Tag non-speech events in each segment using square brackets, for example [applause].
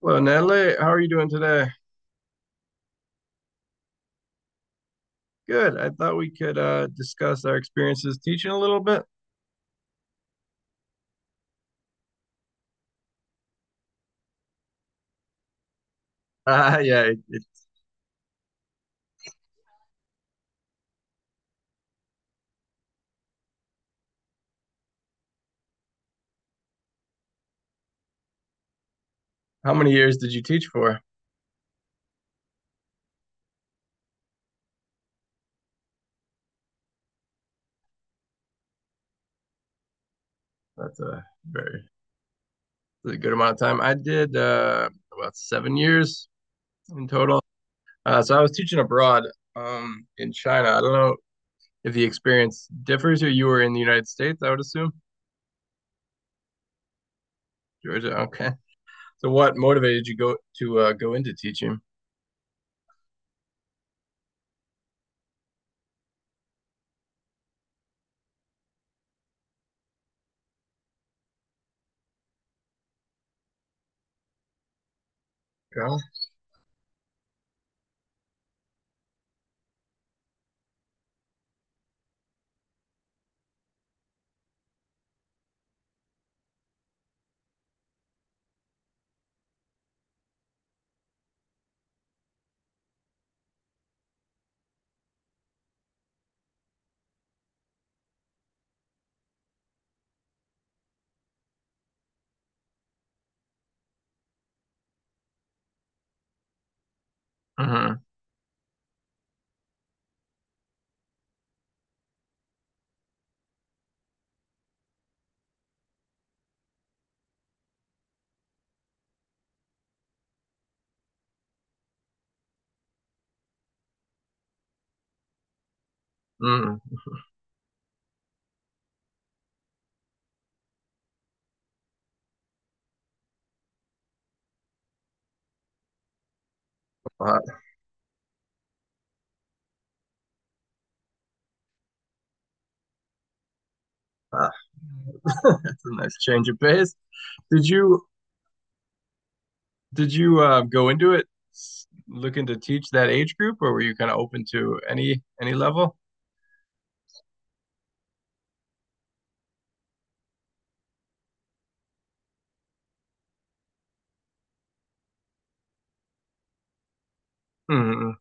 Well, Natalie, how are you doing today? Good. I thought we could discuss our experiences teaching a little bit. [laughs] Yeah. How many years did you teach for? That's a very that's a good amount of time. I did about 7 years in total. So I was teaching abroad in China. I don't know if the experience differs or you were in the United States, I would assume. Georgia. Okay. So what motivated you go to go into teaching? Yeah. Mm-hmm. Mm. Wow. Ah. [laughs] That's a nice change of pace. Did you did you go into it looking to teach that age group, or were you kind of open to any level? Hmm.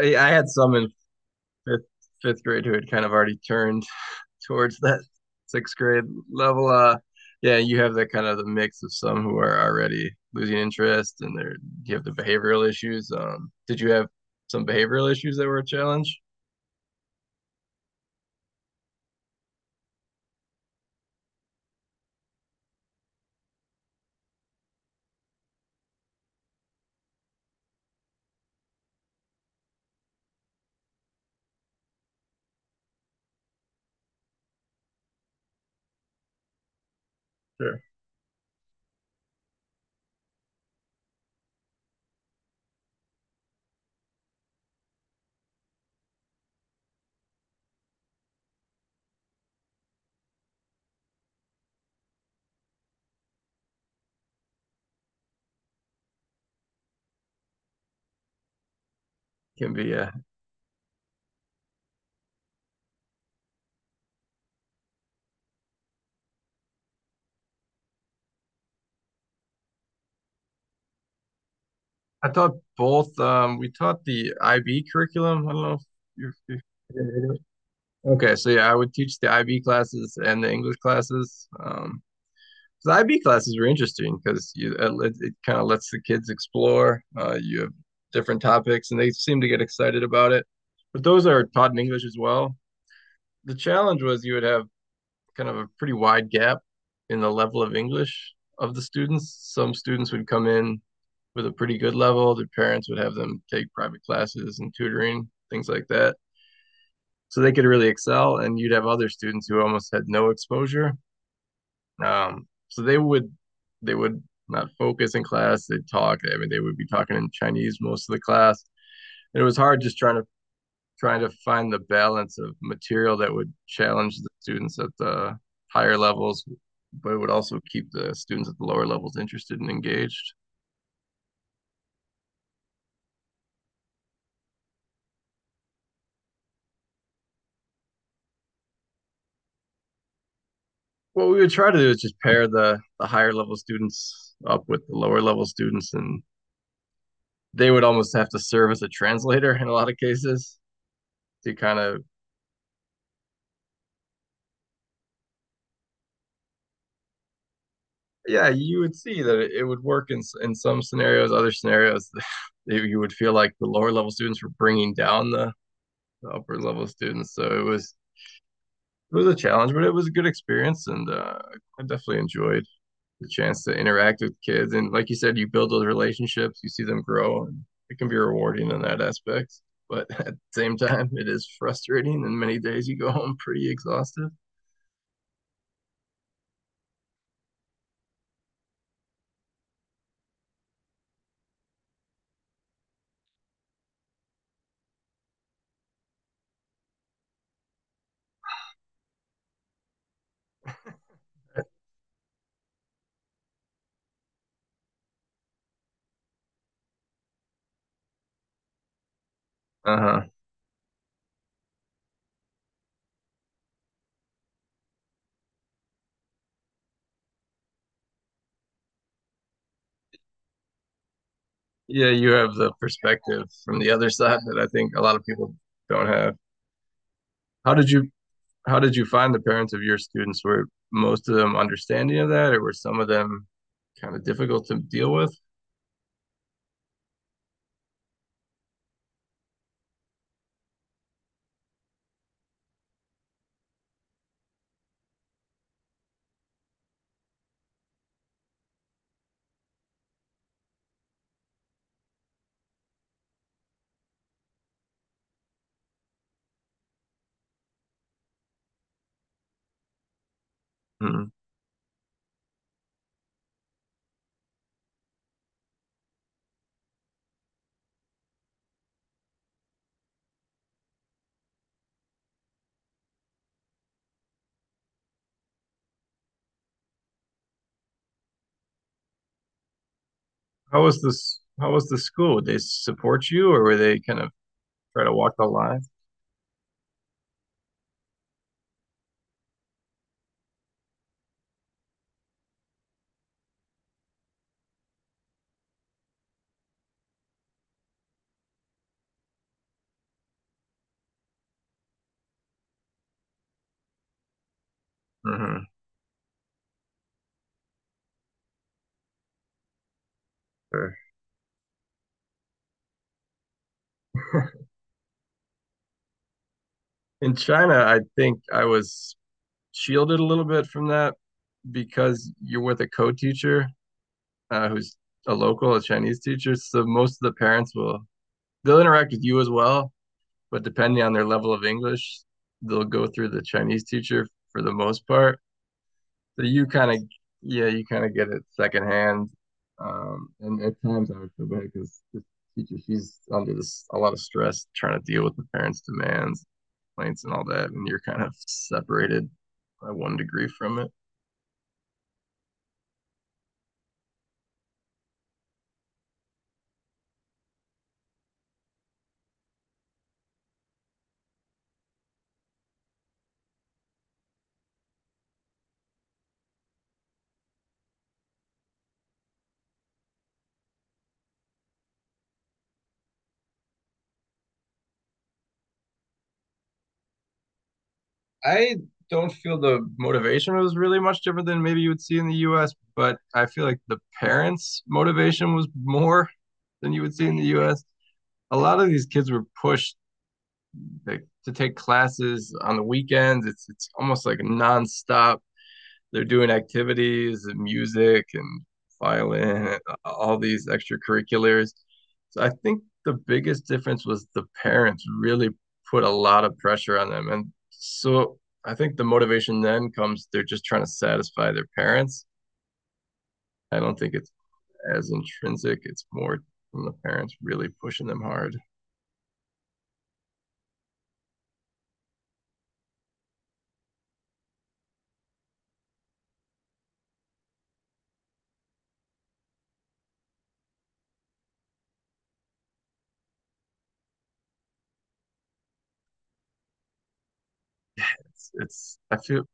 I had some in fifth fifth grade who had kind of already turned [laughs] towards that sixth grade level. Yeah, you have that kind of the mix of some who are already losing interest, and they're you have the behavioral issues. Did you have some behavioral issues that were a challenge? Sure, can be I taught both. We taught the IB curriculum. I don't know if you're okay. So yeah, I would teach the IB classes and the English classes. The IB classes were interesting because you it kind of lets the kids explore. You have different topics, and they seem to get excited about it. But those are taught in English as well. The challenge was you would have kind of a pretty wide gap in the level of English of the students. Some students would come in with a pretty good level. Their parents would have them take private classes and tutoring, things like that. So they could really excel. And you'd have other students who almost had no exposure. So they would not focus in class. They'd talk. I mean, they would be talking in Chinese most of the class. And it was hard just trying to find the balance of material that would challenge the students at the higher levels, but it would also keep the students at the lower levels interested and engaged. What we would try to do is just pair the higher level students up with the lower level students, and they would almost have to serve as a translator in a lot of cases to kind of, yeah, you would see that it would work in some scenarios. Other scenarios [laughs] you would feel like the lower level students were bringing down the upper level students. So it was a challenge, but it was a good experience. And I definitely enjoyed the chance to interact with kids. And like you said, you build those relationships, you see them grow, and it can be rewarding in that aspect. But [laughs] at the same time, it is frustrating, and many days you go home pretty exhausted. Uh huh. Yeah, you have the perspective from the other side that I think a lot of people don't have. How did you how did you find the parents of your students? Were most of them understanding of that, or were some of them kind of difficult to deal with? Mm-hmm. How was this? How was the school? Did they support you, or were they kind of try to walk the line? Mhm. Sure. In China, I think I was shielded a little bit from that because you're with a co-teacher who's a local, a Chinese teacher. So most of the parents will they'll interact with you as well, but depending on their level of English, they'll go through the Chinese teacher for the most part. So you kind of, yeah, you kind of get it secondhand. And at times I would feel bad because the teacher, she's under this a lot of stress trying to deal with the parents' demands, complaints and all that, and you're kind of separated by one degree from it. I don't feel the motivation was really much different than maybe you would see in the US, but I feel like the parents' motivation was more than you would see in the US. A lot of these kids were pushed, like, to take classes on the weekends. It's almost like nonstop they're doing activities and music and violin, all these extracurriculars. So I think the biggest difference was the parents really put a lot of pressure on them. And so I think the motivation then comes they're just trying to satisfy their parents. I don't think it's as intrinsic, it's more from the parents really pushing them hard. It's, it's I feel,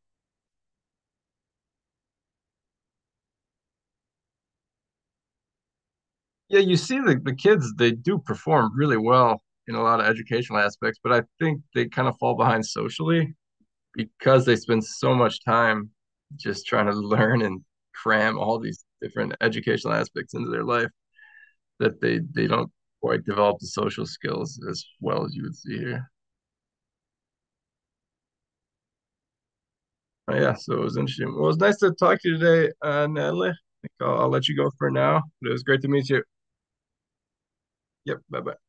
yeah, you see the kids, they do perform really well in a lot of educational aspects, but I think they kind of fall behind socially because they spend so much time just trying to learn and cram all these different educational aspects into their life that they don't quite develop the social skills as well as you would see here. Yeah, so it was interesting. Well, it was nice to talk to you today, Natalie. I think I'll let you go for now, but it was great to meet you. Yep, bye bye.